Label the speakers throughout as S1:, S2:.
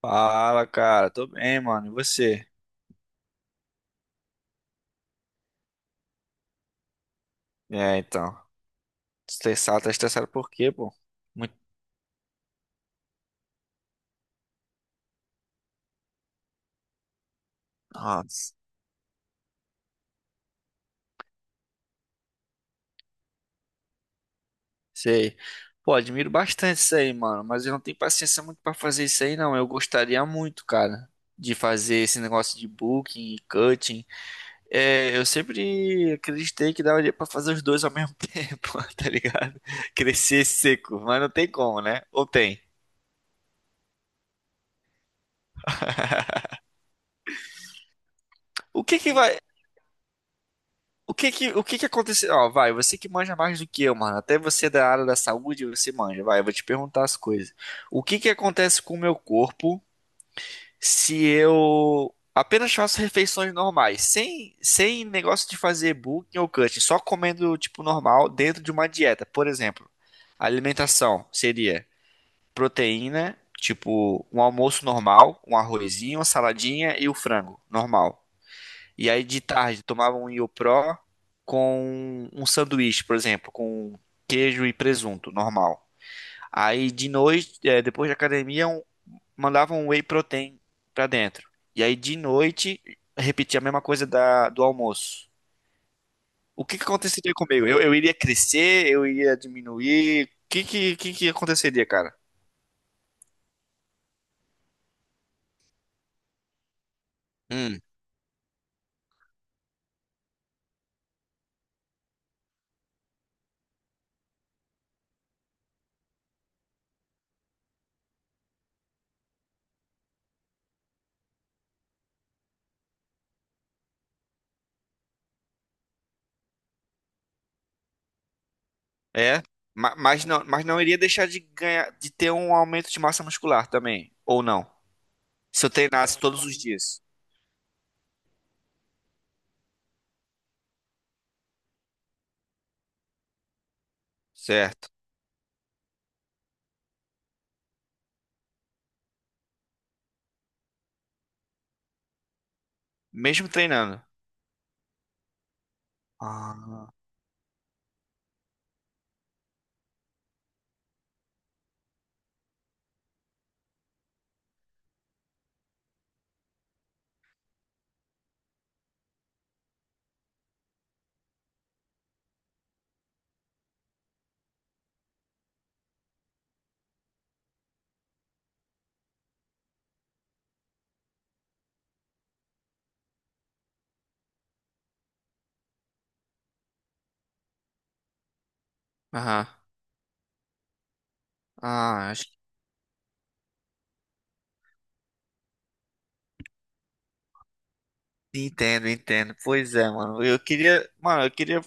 S1: Fala, cara. Tô bem, mano. E você? É, então. Estressado, tá estressado por quê, pô? Muito. Nossa. Sei. Pô, admiro bastante isso aí, mano. Mas eu não tenho paciência muito pra fazer isso aí, não. Eu gostaria muito, cara, de fazer esse negócio de booking e cutting. É, eu sempre acreditei que daria pra fazer os dois ao mesmo tempo, tá ligado? Crescer seco. Mas não tem como, né? Ou tem? O que que vai. O que que aconteceu? Ó, vai, você que manja mais do que eu, mano. Até você da área da saúde, você manja. Vai, eu vou te perguntar as coisas. O que que acontece com o meu corpo se eu apenas faço refeições normais, sem negócio de fazer bulking ou cutting, só comendo tipo normal dentro de uma dieta? Por exemplo, a alimentação seria proteína, tipo um almoço normal, um arrozinho, uma saladinha e o frango normal. E aí de tarde tomava um Iopro com um sanduíche, por exemplo, com queijo e presunto, normal. Aí de noite, depois da academia, mandava um whey protein pra dentro. E aí de noite, repetia a mesma coisa da, do almoço. O que que aconteceria comigo? Eu iria crescer, eu iria diminuir. Que que aconteceria, cara? Hum, é. Mas não iria deixar de ganhar, de ter um aumento de massa muscular também, ou não? Se eu treinasse todos os dias. Certo. Mesmo treinando. Ah, aham. Ah, acho que entendo, entendo. Pois é, mano. Eu queria, mano, eu queria,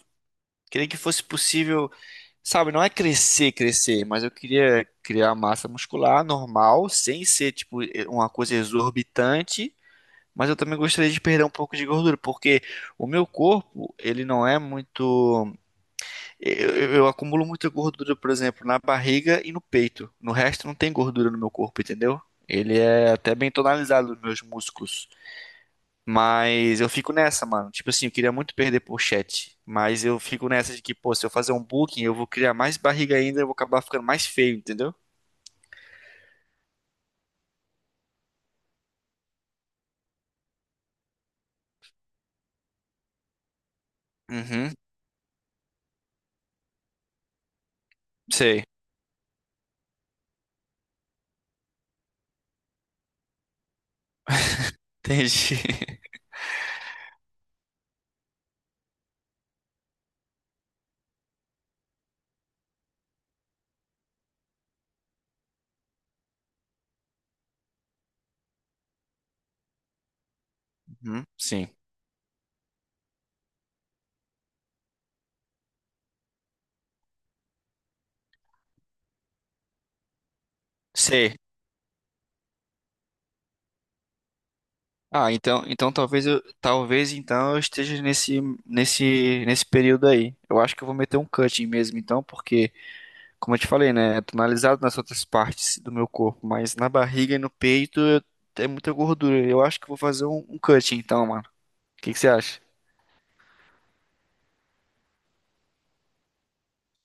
S1: queria que fosse possível, sabe, não é crescer, crescer, mas eu queria criar massa muscular normal, sem ser tipo uma coisa exorbitante, mas eu também gostaria de perder um pouco de gordura, porque o meu corpo, ele não é muito. Eu acumulo muita gordura, por exemplo, na barriga e no peito. No resto não tem gordura no meu corpo, entendeu? Ele é até bem tonalizado nos meus músculos. Mas eu fico nessa, mano. Tipo assim, eu queria muito perder pochete. Mas eu fico nessa de que, pô, se eu fazer um booking, eu vou criar mais barriga ainda, eu vou acabar ficando mais feio, entendeu? Uhum, sei. Entendi. Uhum, sim. Sei. Ah, então, então talvez eu, talvez então eu esteja nesse período aí. Eu acho que eu vou meter um cutting mesmo, então, porque, como eu te falei, né? É tonalizado nas outras partes do meu corpo, mas na barriga e no peito é muita gordura. Eu acho que eu vou fazer um cut então, mano. O que que você acha?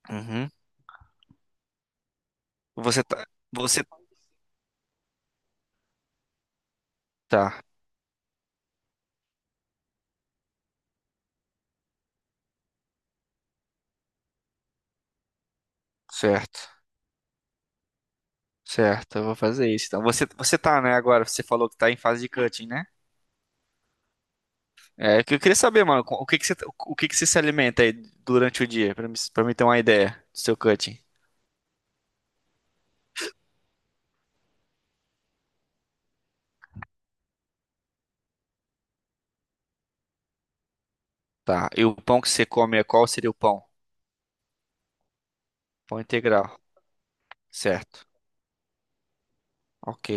S1: Uhum. Você tá. Você tá. Certo. Certo, eu vou fazer isso. Então, você tá, né, agora? Você falou que tá em fase de cutting, né? É, o que eu queria saber, mano, o que que você se alimenta aí durante o dia, pra mim ter uma ideia do seu cutting. Tá, e o pão que você come, é qual seria o pão? Pão integral, certo. Ok.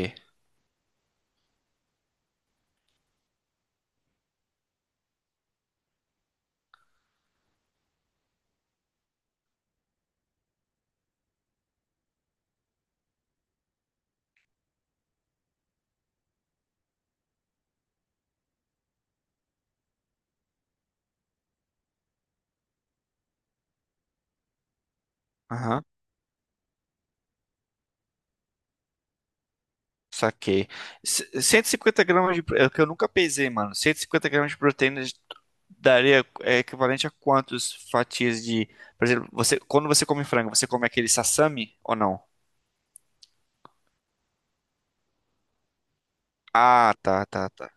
S1: Aham. Saquei. 150 gramas de. É o que eu nunca pesei, mano. Cento e cinquenta gramas de proteína daria equivalente a quantas fatias de. Por exemplo, você, quando você come frango, você come aquele sassami ou não? Ah, tá.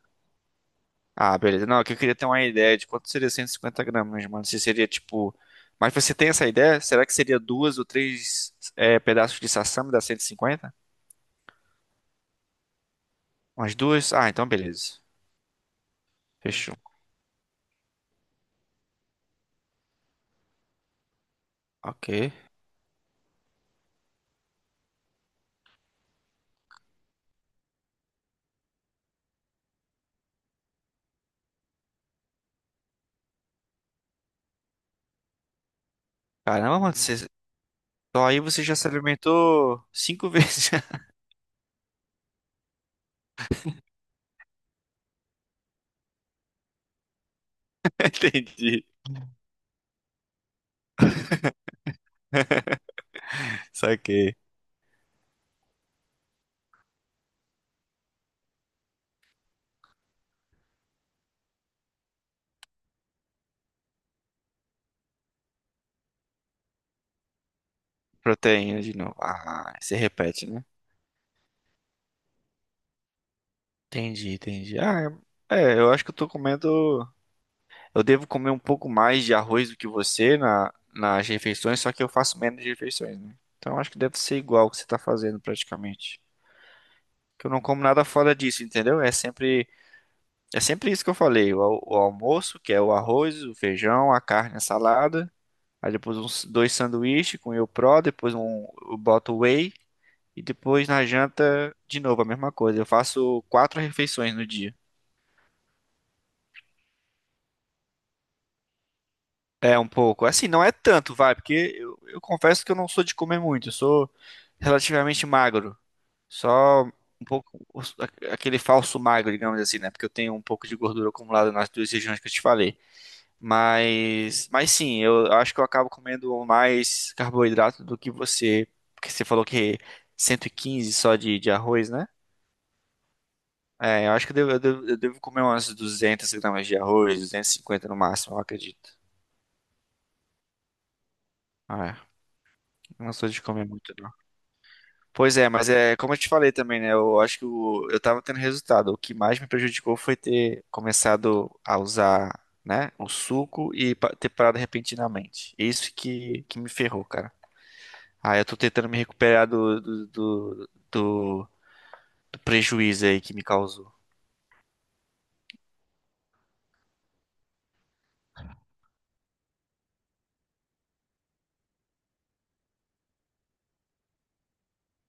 S1: Ah, beleza. Não, é que eu queria ter uma ideia de quanto seria 150 gramas, mano. Se seria tipo. Mas você tem essa ideia? Será que seria duas ou três pedaços de sassami da cento e cinquenta. Umas duas? Ah, então beleza. Fechou. Ok. Caramba, mano, você. Então aí você já se alimentou cinco vezes. Entendi. Saquei. Proteína de novo. Ah, você repete, né? Entendi, entendi. Ah, eu acho que eu tô comendo. Eu devo comer um pouco mais de arroz do que você na, nas refeições, só que eu faço menos refeições, né? Então eu acho que deve ser igual o que você tá fazendo praticamente. Que eu não como nada fora disso, entendeu? É sempre isso que eu falei. O, o almoço, que é o arroz, o feijão, a carne, a salada. Aí depois uns dois sanduíches com Whey Pro, depois um, eu boto whey e depois na janta de novo a mesma coisa. Eu faço quatro refeições no dia. É um pouco. Assim, não é tanto, vai, porque eu confesso que eu não sou de comer muito, eu sou relativamente magro. Só um pouco aquele falso magro, digamos assim, né? Porque eu tenho um pouco de gordura acumulada nas duas regiões que eu te falei. Mas sim, eu acho que eu acabo comendo mais carboidrato do que você, porque você falou que 115 só de arroz, né? É, eu acho que eu devo, eu devo, eu devo comer umas 200 gramas de arroz, 250 no máximo, eu acredito. Ah, é. Não sou de comer muito, não. Pois é, mas é como eu te falei também, né? Eu acho que eu tava tendo resultado. O que mais me prejudicou foi ter começado a usar, né, o suco e ter parado repentinamente. Isso que me ferrou, cara. Ah, eu tô tentando me recuperar do prejuízo aí que me causou.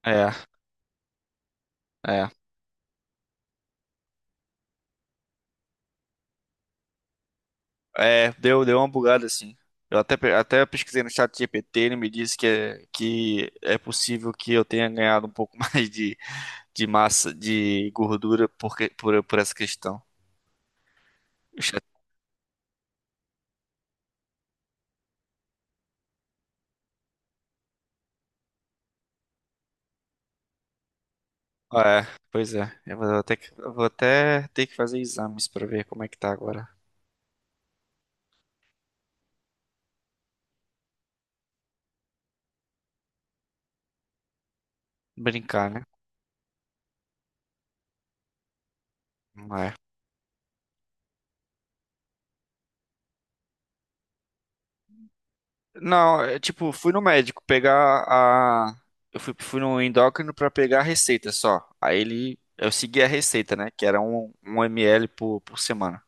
S1: É, é. É, deu uma bugada assim. Eu até, até pesquisei no chat GPT, ele me disse que que é possível que eu tenha ganhado um pouco mais de, de gordura por essa questão. O chat- Ah, é, pois é. Eu vou até, eu vou até ter que fazer exames pra ver como é que tá agora. Brincar, né? Não, é tipo, fui no médico pegar a. Eu fui, fui no endócrino pra pegar a receita só. Aí ele. Eu segui a receita, né? Que era um ml por semana.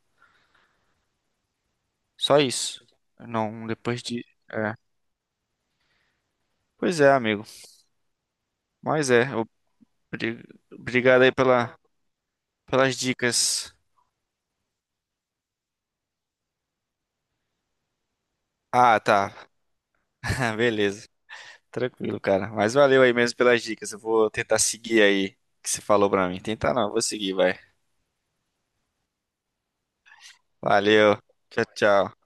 S1: Só isso. Não, depois de. É. Pois é, amigo. Mas é. obri- Obrigado aí pela, pelas dicas. Ah, tá. Beleza. Tranquilo, cara. Mas valeu aí mesmo pelas dicas. Eu vou tentar seguir aí o que você falou pra mim. Tentar não, eu vou seguir, vai. Valeu. Tchau, tchau.